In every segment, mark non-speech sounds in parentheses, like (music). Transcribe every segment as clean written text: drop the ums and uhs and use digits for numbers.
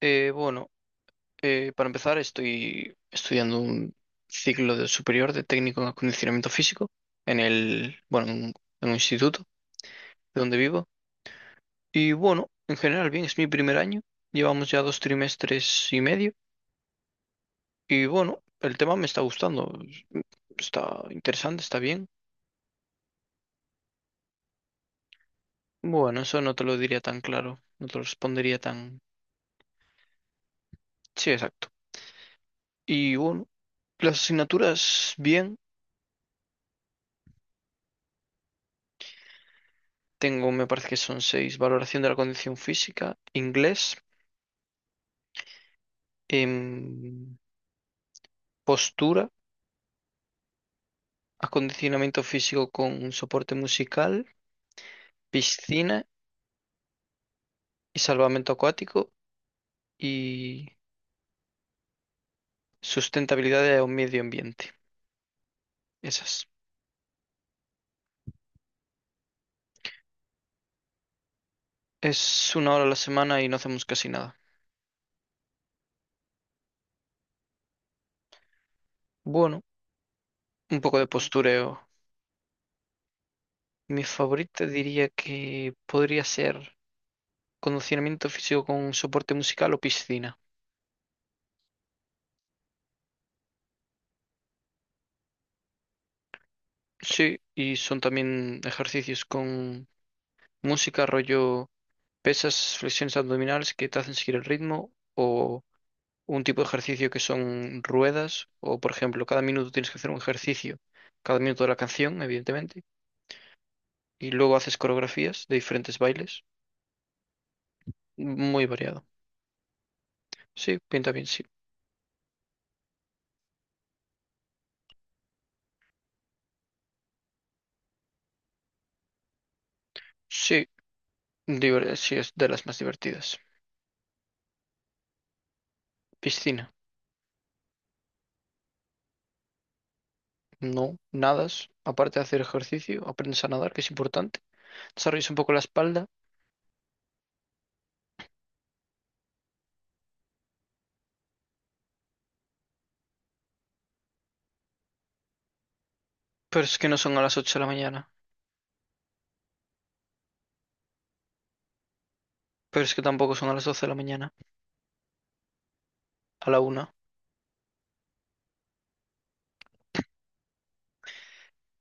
Bueno, para empezar estoy estudiando un ciclo de superior de técnico en acondicionamiento físico bueno, en un instituto de donde vivo. Y bueno, en general bien, es mi primer año. Llevamos ya dos trimestres y medio. Y bueno, el tema me está gustando. Está interesante, está bien. Bueno, eso no te lo diría tan claro, no te lo respondería tan. Sí, exacto. Y bueno, las asignaturas bien. Tengo, me parece que son seis, valoración de la condición física, inglés. em, Postura, acondicionamiento físico con un soporte musical, piscina y salvamento acuático y sustentabilidad de un medio ambiente. Esas. Es una hora a la semana y no hacemos casi nada. Bueno, un poco de postureo. Mi favorita diría que podría ser condicionamiento físico con soporte musical o piscina. Sí, y son también ejercicios con música, rollo pesas, flexiones abdominales que te hacen seguir el ritmo o un tipo de ejercicio que son ruedas o, por ejemplo, cada minuto tienes que hacer un ejercicio, cada minuto de la canción, evidentemente, y luego haces coreografías de diferentes bailes, muy variado. Sí, pinta bien, sí. Sí, sí es de las más divertidas. Piscina. No, nadas, aparte de hacer ejercicio, aprendes a nadar, que es importante. Desarrollas un poco la espalda, pero es que no son a las 8 de la mañana, pero es que tampoco son a las 12 de la mañana, a la una.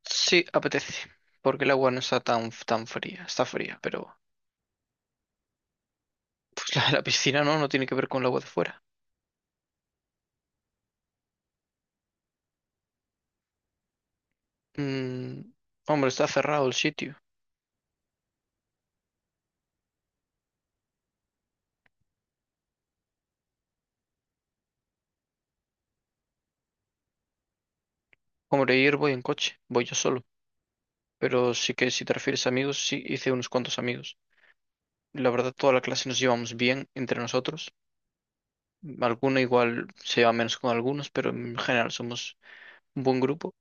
Sí, apetece, porque el agua no está tan, tan fría, está fría, pero (laughs) la piscina no, no tiene que ver con el agua de fuera. Mm, Hombre, está cerrado el sitio. Hombre, ir voy en coche, voy yo solo, pero sí que si te refieres a amigos, sí hice unos cuantos amigos. La verdad, toda la clase nos llevamos bien entre nosotros. Alguno igual se lleva menos con algunos, pero en general somos un buen grupo.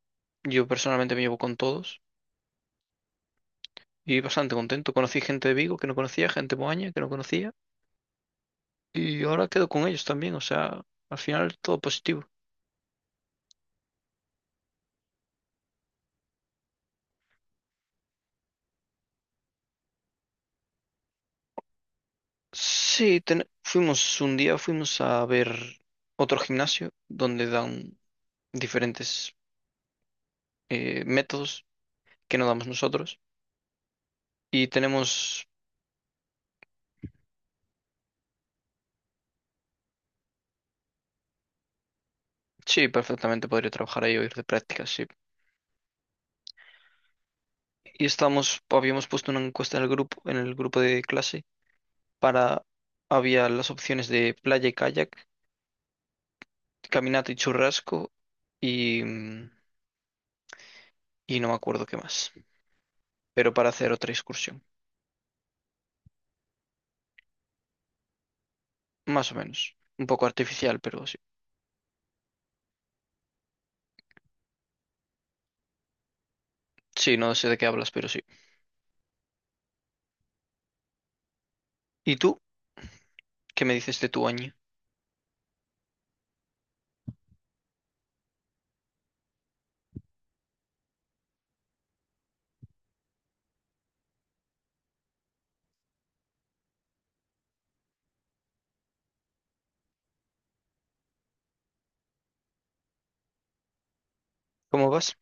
Yo personalmente me llevo con todos y bastante contento. Conocí gente de Vigo que no conocía, gente de Moaña que no conocía. Y ahora quedo con ellos también, o sea, al final todo positivo. Sí, fuimos un día, fuimos a ver otro gimnasio donde dan diferentes métodos que no damos nosotros. Y tenemos, sí, perfectamente podría trabajar ahí o ir de prácticas, sí. Habíamos puesto una encuesta en el grupo de clase, para, había las opciones de playa y kayak, caminata y churrasco y, mm, y no me acuerdo qué más, pero para hacer otra excursión. Más o menos. Un poco artificial, pero sí. Sí, no sé de qué hablas, pero sí. ¿Y tú? ¿Qué me dices de tu año? ¿Cómo vas?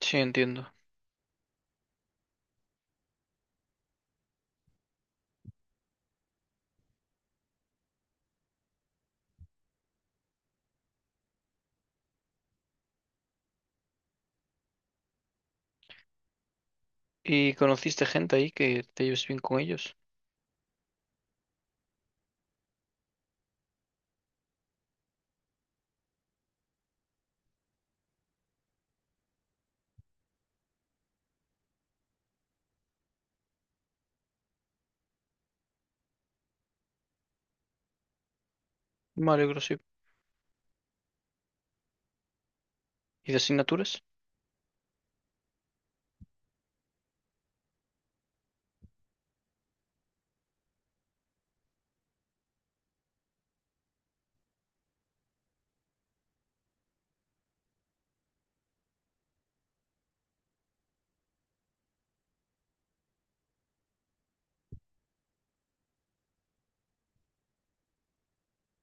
Sí, entiendo. ¿Y conociste gente ahí que te lleves bien con ellos? Me alegro, sí. ¿Y de asignaturas?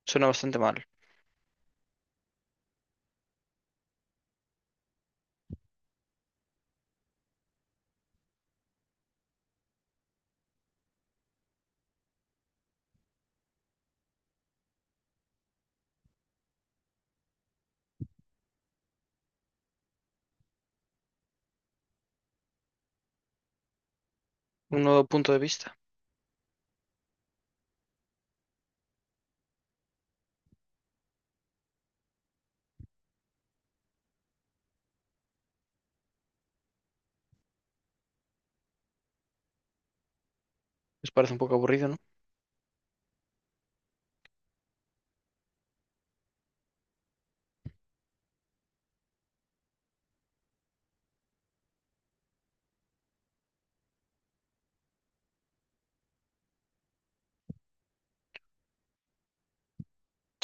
Suena bastante mal. Un nuevo punto de vista. Les parece un poco aburrido, ¿no?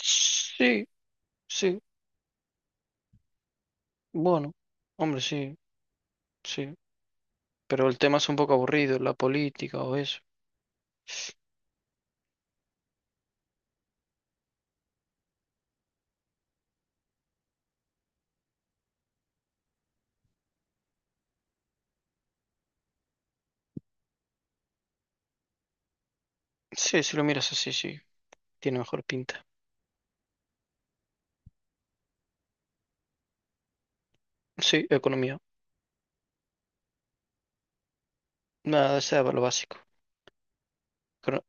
Sí, sí. Bueno, hombre, sí, sí. Pero el tema es un poco aburrido, la política o eso. Sí, si lo miras así, sí. Tiene mejor pinta. Sí, economía. Nada, sea lo básico. Cono-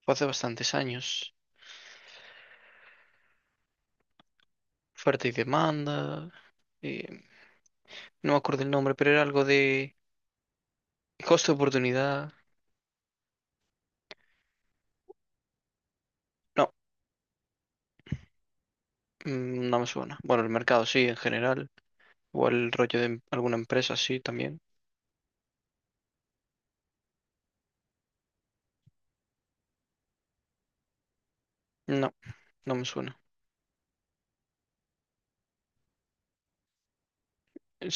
Fue hace bastantes años. Oferta y demanda, eh, no me acuerdo el nombre, pero era algo de costo de oportunidad. No, no me suena. Bueno, el mercado sí, en general, o el rollo de alguna empresa sí también. No, no me suena.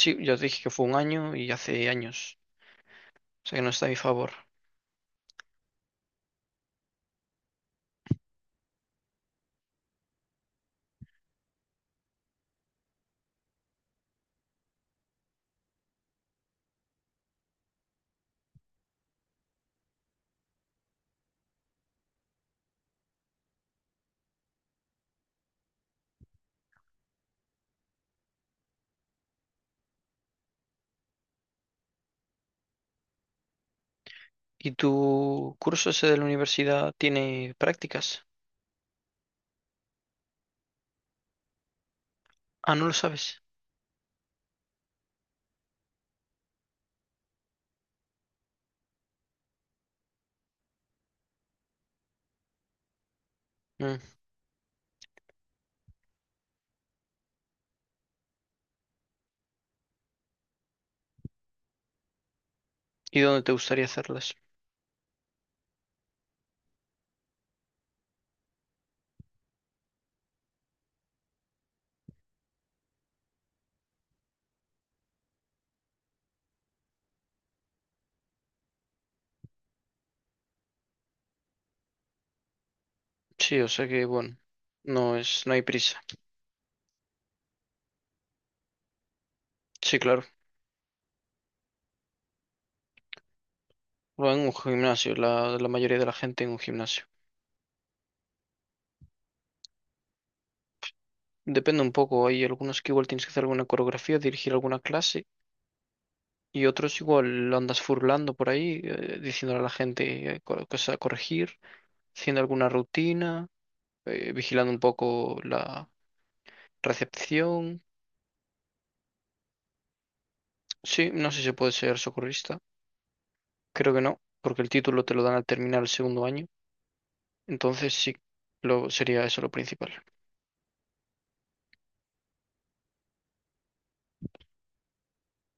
Sí, ya os dije que fue un año y hace años, o sea que no está a mi favor. ¿Y tu curso ese de la universidad tiene prácticas? Ah, no lo sabes. Mm, ¿Y dónde te gustaría hacerlas? Sí, o sea que, bueno, no hay prisa. Sí, claro. O en un gimnasio, la mayoría de la gente en un gimnasio. Depende un poco, hay algunos que igual tienes que hacer alguna coreografía, dirigir alguna clase, y otros igual andas furlando por ahí, diciéndole a la gente cosas a corregir, haciendo alguna rutina, vigilando un poco la recepción. Sí, no sé si se puede ser socorrista, creo que no, porque el título te lo dan al terminar el segundo año, entonces sí, sería eso lo principal.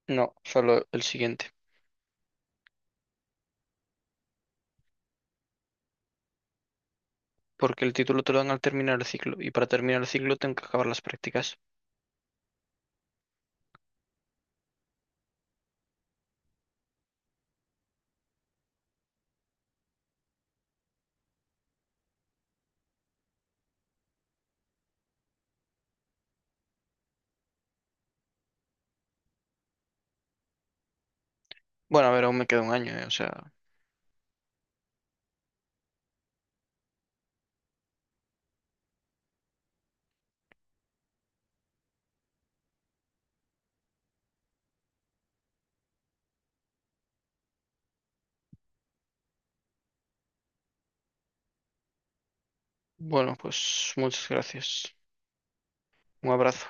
No, solo el siguiente. Porque el título te lo dan al terminar el ciclo y para terminar el ciclo tengo que acabar las prácticas. Bueno, a ver, aún me queda un año, o sea, bueno, pues muchas gracias. Un abrazo.